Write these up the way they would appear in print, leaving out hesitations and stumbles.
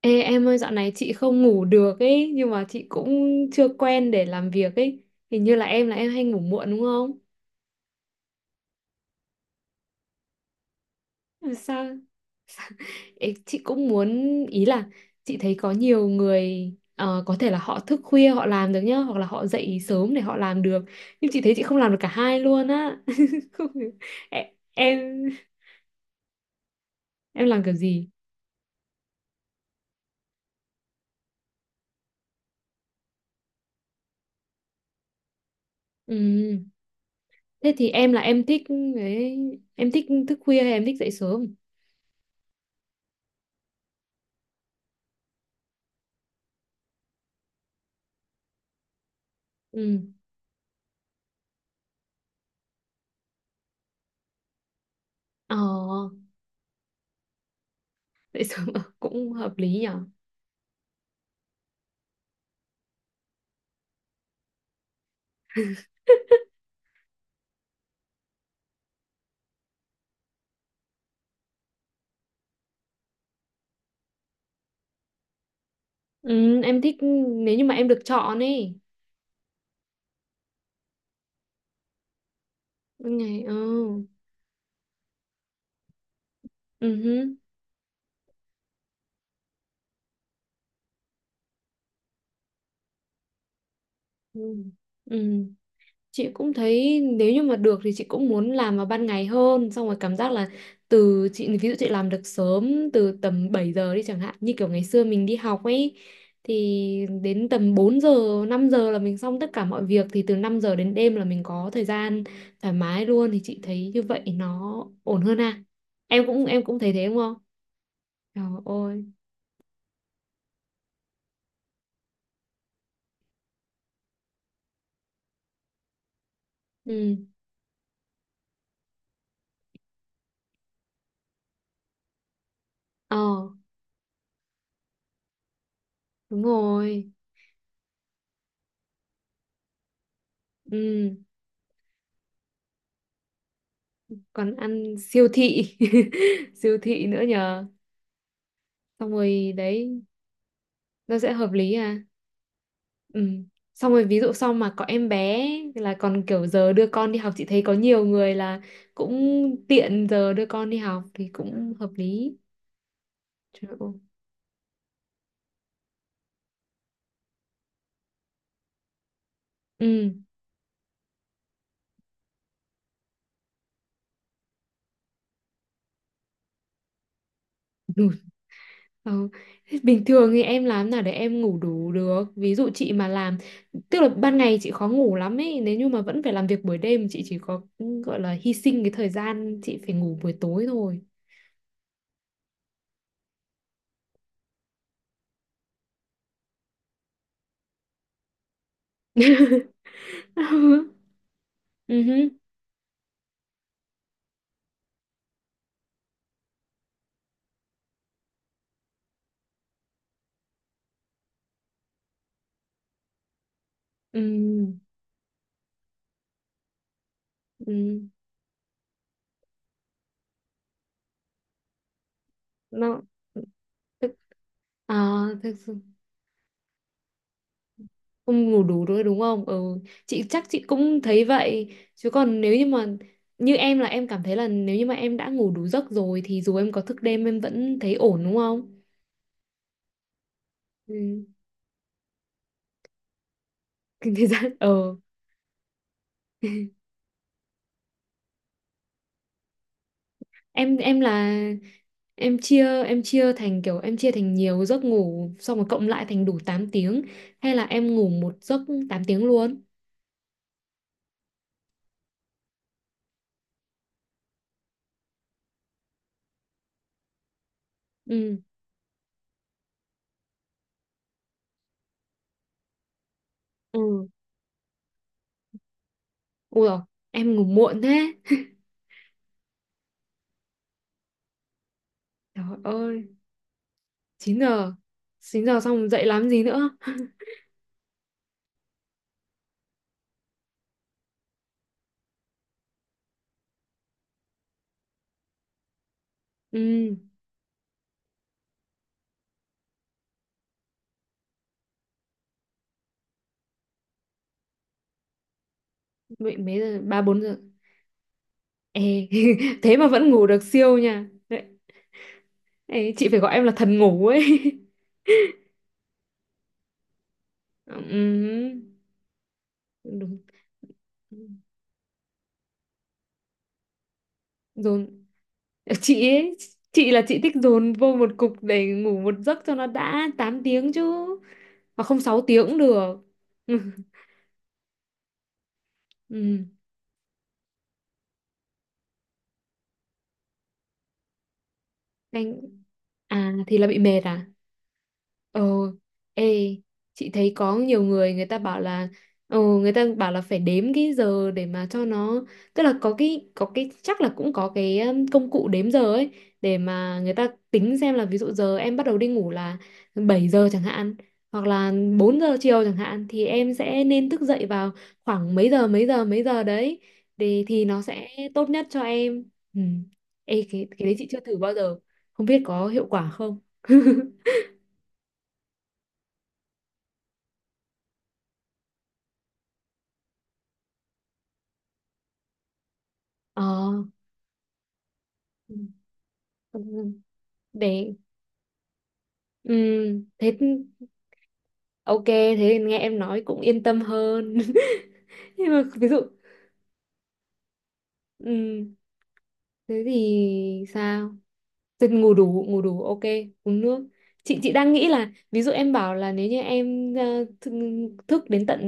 Ê em ơi, dạo này chị không ngủ được ấy, nhưng mà chị cũng chưa quen để làm việc ấy. Hình như là em hay ngủ muộn đúng không? Làm sao? Ê, chị cũng muốn, ý là chị thấy có nhiều người có thể là họ thức khuya họ làm được nhá, hoặc là họ dậy sớm để họ làm được, nhưng chị thấy chị không làm được cả hai luôn á. Không hiểu. em em em làm kiểu gì? Ừ. Thế thì em là em thích, ấy, em thích thức khuya hay em thích dậy sớm? Ừ. Ờ, dậy sớm cũng hợp lý nhỉ. Ừ, em thích, nếu như mà em được chọn ấy. Ban ngày ờ. Ừ hứ, ừ. Ừ. Chị cũng thấy nếu như mà được thì chị cũng muốn làm vào ban ngày hơn, xong rồi cảm giác là từ chị, ví dụ chị làm được sớm từ tầm 7 giờ đi chẳng hạn, như kiểu ngày xưa mình đi học ấy, thì đến tầm 4 giờ 5 giờ là mình xong tất cả mọi việc, thì từ 5 giờ đến đêm là mình có thời gian thoải mái luôn, thì chị thấy như vậy nó ổn hơn à. Em cũng thấy thế đúng không? Trời ơi. Ừ. Ờ, đúng rồi. Ừ, còn ăn siêu thị. Siêu thị nữa nhờ. Xong rồi đấy, nó sẽ hợp lý à. Ừ. Xong rồi ví dụ sau mà có em bé là còn kiểu giờ đưa con đi học, chị thấy có nhiều người là cũng tiện giờ đưa con đi học thì cũng hợp lý. Trời ơi. Ừ. Ừ. Thế bình thường thì em làm nào để em ngủ đủ được? Ví dụ chị mà làm, tức là ban ngày chị khó ngủ lắm ấy. Nếu như mà vẫn phải làm việc buổi đêm, chị chỉ có, gọi là hy sinh cái thời gian, chị phải ngủ buổi tối thôi. Ừ hứ. Ừ. Ừ. Nó tức- à, thực sự không ngủ đủ nữa đúng không? Ừ, chị chắc chị cũng thấy vậy. Chứ còn nếu như mà như em, là em cảm thấy là nếu như mà em đã ngủ đủ giấc rồi thì dù em có thức đêm em vẫn thấy ổn đúng không? Ừ. Kinh tế giãn ờ. Em là Em chia thành kiểu, em chia thành nhiều giấc ngủ xong rồi cộng lại thành đủ 8 tiếng, hay là em ngủ một giấc tám tiếng luôn? Ừ. Ừ. Ui rồi, em ngủ muộn thế. Trời ơi, 9 giờ. 9 giờ xong dậy làm gì nữa? Ừ. Vậy mấy giờ? Ba bốn giờ? Ê, thế mà vẫn ngủ được siêu nha đấy. Ê, chị phải gọi em là thần ngủ ấy. Ừ, đúng. Ừ, rồi. Chị ấy, chị là chị thích dồn vô một cục để ngủ một giấc cho nó đã 8 tiếng chứ, mà không 6 tiếng cũng được. Ừ. Đánh, à thì là bị mệt à. Ờ, ê, chị thấy có nhiều người, người ta bảo là, người ta bảo là phải đếm cái giờ để mà cho nó, tức là có cái, có cái chắc là cũng có cái, công cụ đếm giờ ấy, để mà người ta tính xem là ví dụ giờ em bắt đầu đi ngủ là 7 giờ chẳng hạn, hoặc là 4 giờ chiều chẳng hạn, thì em sẽ nên thức dậy vào khoảng mấy giờ mấy giờ đấy, để thì nó sẽ tốt nhất cho em. Ừ. Ê, cái đấy chị chưa thử bao giờ. Không biết có hiệu quả không? Ờ, ừ, để, ừ, thế ok thế thì nghe em nói cũng yên tâm hơn. Nhưng mà ví dụ, ừ, thế thì sao? Thế ngủ đủ, ngủ đủ ok. Uống nước. Chị đang nghĩ là ví dụ em bảo là nếu như em thức, thức đến tận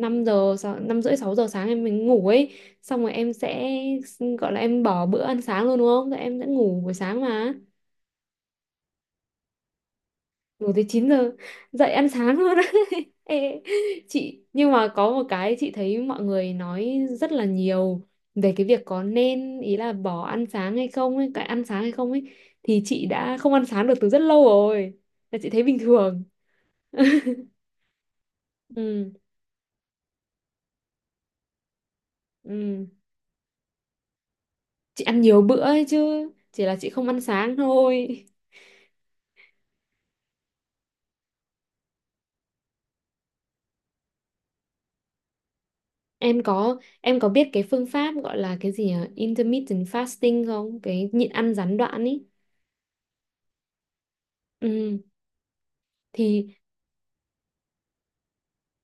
5 giờ năm rưỡi 6 giờ sáng em mới ngủ ấy, xong rồi em sẽ gọi là em bỏ bữa ăn sáng luôn đúng không, rồi em sẽ ngủ buổi sáng mà ngủ tới 9 giờ, dậy ăn sáng luôn. Ê, chị nhưng mà có một cái chị thấy mọi người nói rất là nhiều về cái việc có nên, ý là bỏ ăn sáng hay không ấy, cái ăn sáng hay không ấy, thì chị đã không ăn sáng được từ rất lâu rồi. Là chị thấy bình thường. Ừ, ừ. Chị ăn nhiều bữa ấy chứ, chỉ là chị không ăn sáng thôi. Em có biết cái phương pháp gọi là cái gì nhỉ? Intermittent fasting không? Cái nhịn ăn gián đoạn ấy. Ừ. Thì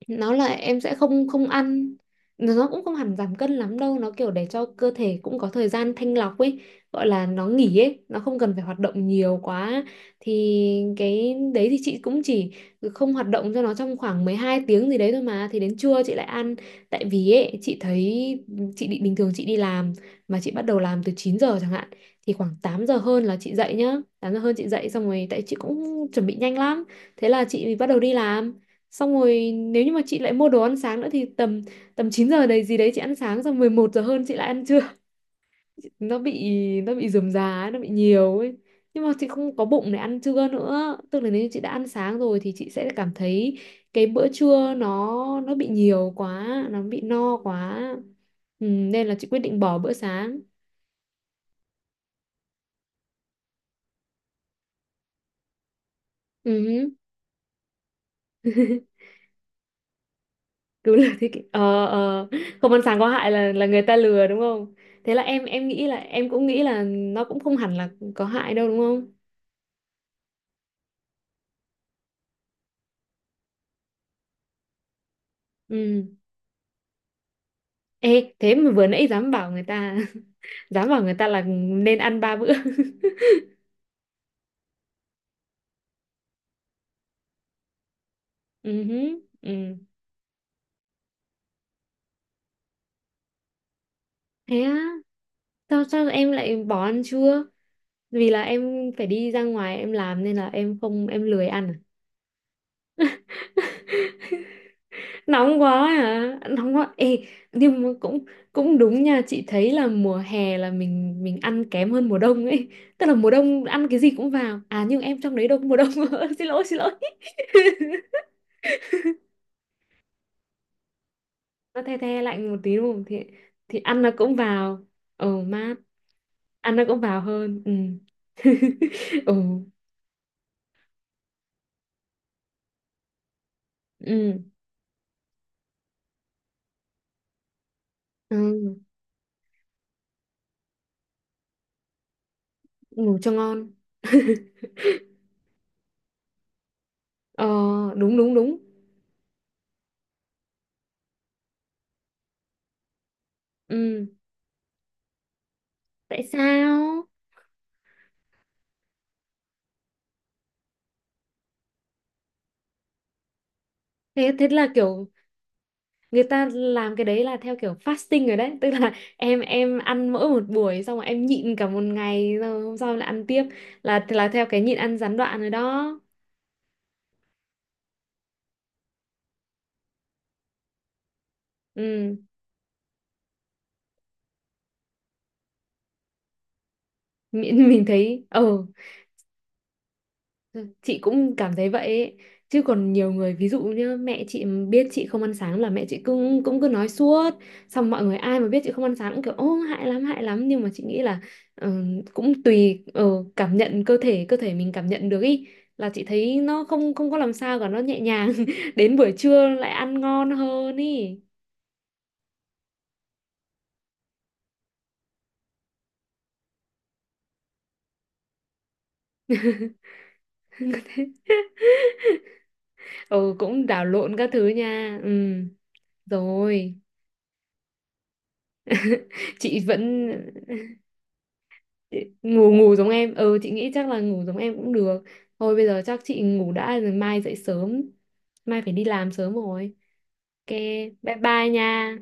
nó là em sẽ không không ăn, nó cũng không hẳn giảm cân lắm đâu, nó kiểu để cho cơ thể cũng có thời gian thanh lọc ấy, gọi là nó nghỉ ấy, nó không cần phải hoạt động nhiều quá, thì cái đấy thì chị cũng chỉ không hoạt động cho nó trong khoảng 12 tiếng gì đấy thôi mà, thì đến trưa chị lại ăn. Tại vì ấy chị thấy, chị định bình thường chị đi làm, mà chị bắt đầu làm từ 9 giờ chẳng hạn, thì khoảng 8 giờ hơn là chị dậy nhá, 8 giờ hơn chị dậy xong rồi, tại chị cũng chuẩn bị nhanh lắm, thế là chị bắt đầu đi làm, xong rồi nếu như mà chị lại mua đồ ăn sáng nữa thì tầm tầm 9 giờ đấy gì đấy chị ăn sáng xong, 11 giờ hơn chị lại ăn trưa. Nó bị, nó bị rườm rà ấy, nó bị nhiều ấy. Nhưng mà chị không có bụng để ăn trưa nữa, tức là nếu như chị đã ăn sáng rồi thì chị sẽ cảm thấy cái bữa trưa nó bị nhiều quá, nó bị no quá. Ừ, nên là chị quyết định bỏ bữa sáng. Ừ. Đúng là thế kỷ, ờ, không ăn sáng có hại là người ta lừa đúng không? Thế là em nghĩ là em cũng nghĩ là nó cũng không hẳn là có hại đâu đúng không? Ừ. Ê, thế mà vừa nãy dám bảo người ta, dám bảo người ta là nên ăn ba bữa. Ừ hứ, ừ. Thế á? Sao sao em lại bỏ ăn trưa? Vì là em phải đi ra ngoài em làm nên là em không, em lười ăn à? Nóng quá hả, nóng quá ê. Nhưng mà cũng, cũng đúng nha, chị thấy là mùa hè là mình ăn kém hơn mùa đông ấy, tức là mùa đông ăn cái gì cũng vào à, nhưng em trong đấy đâu có mùa đông. Xin lỗi xin lỗi. Nó the the lạnh một tí đúng không, thì thì ăn nó cũng vào. Ồ mát, ăn nó cũng vào hơn. Ừ. Ồ. Ừ. Ừ. Ngủ cho ngon. Ờ, đúng đúng đúng. Ừ. Tại sao? Thế thế là kiểu người ta làm cái đấy là theo kiểu fasting rồi đấy. Tức là em ăn mỗi một buổi, xong rồi em nhịn cả một ngày, rồi hôm sau là ăn tiếp, là theo cái nhịn ăn gián đoạn rồi đó. Ừ. Mình thấy ờ, chị cũng cảm thấy vậy ấy. Chứ còn nhiều người ví dụ như mẹ chị mà biết chị không ăn sáng là mẹ chị cũng cũng cứ nói suốt, xong mọi người ai mà biết chị không ăn sáng cũng kiểu ô hại lắm hại lắm, nhưng mà chị nghĩ là ờ, cũng tùy cảm nhận cơ thể, cơ thể mình cảm nhận được ý, là chị thấy nó không không có làm sao cả, nó nhẹ nhàng đến buổi trưa lại ăn ngon hơn ý. Ừ, cũng đảo lộn các thứ nha, ừ, rồi. Chị vẫn ngủ ngủ giống em, ừ, chị nghĩ chắc là ngủ giống em cũng được. Thôi bây giờ chắc chị ngủ đã, rồi mai dậy sớm, mai phải đi làm sớm rồi. Ok. Bye bye nha.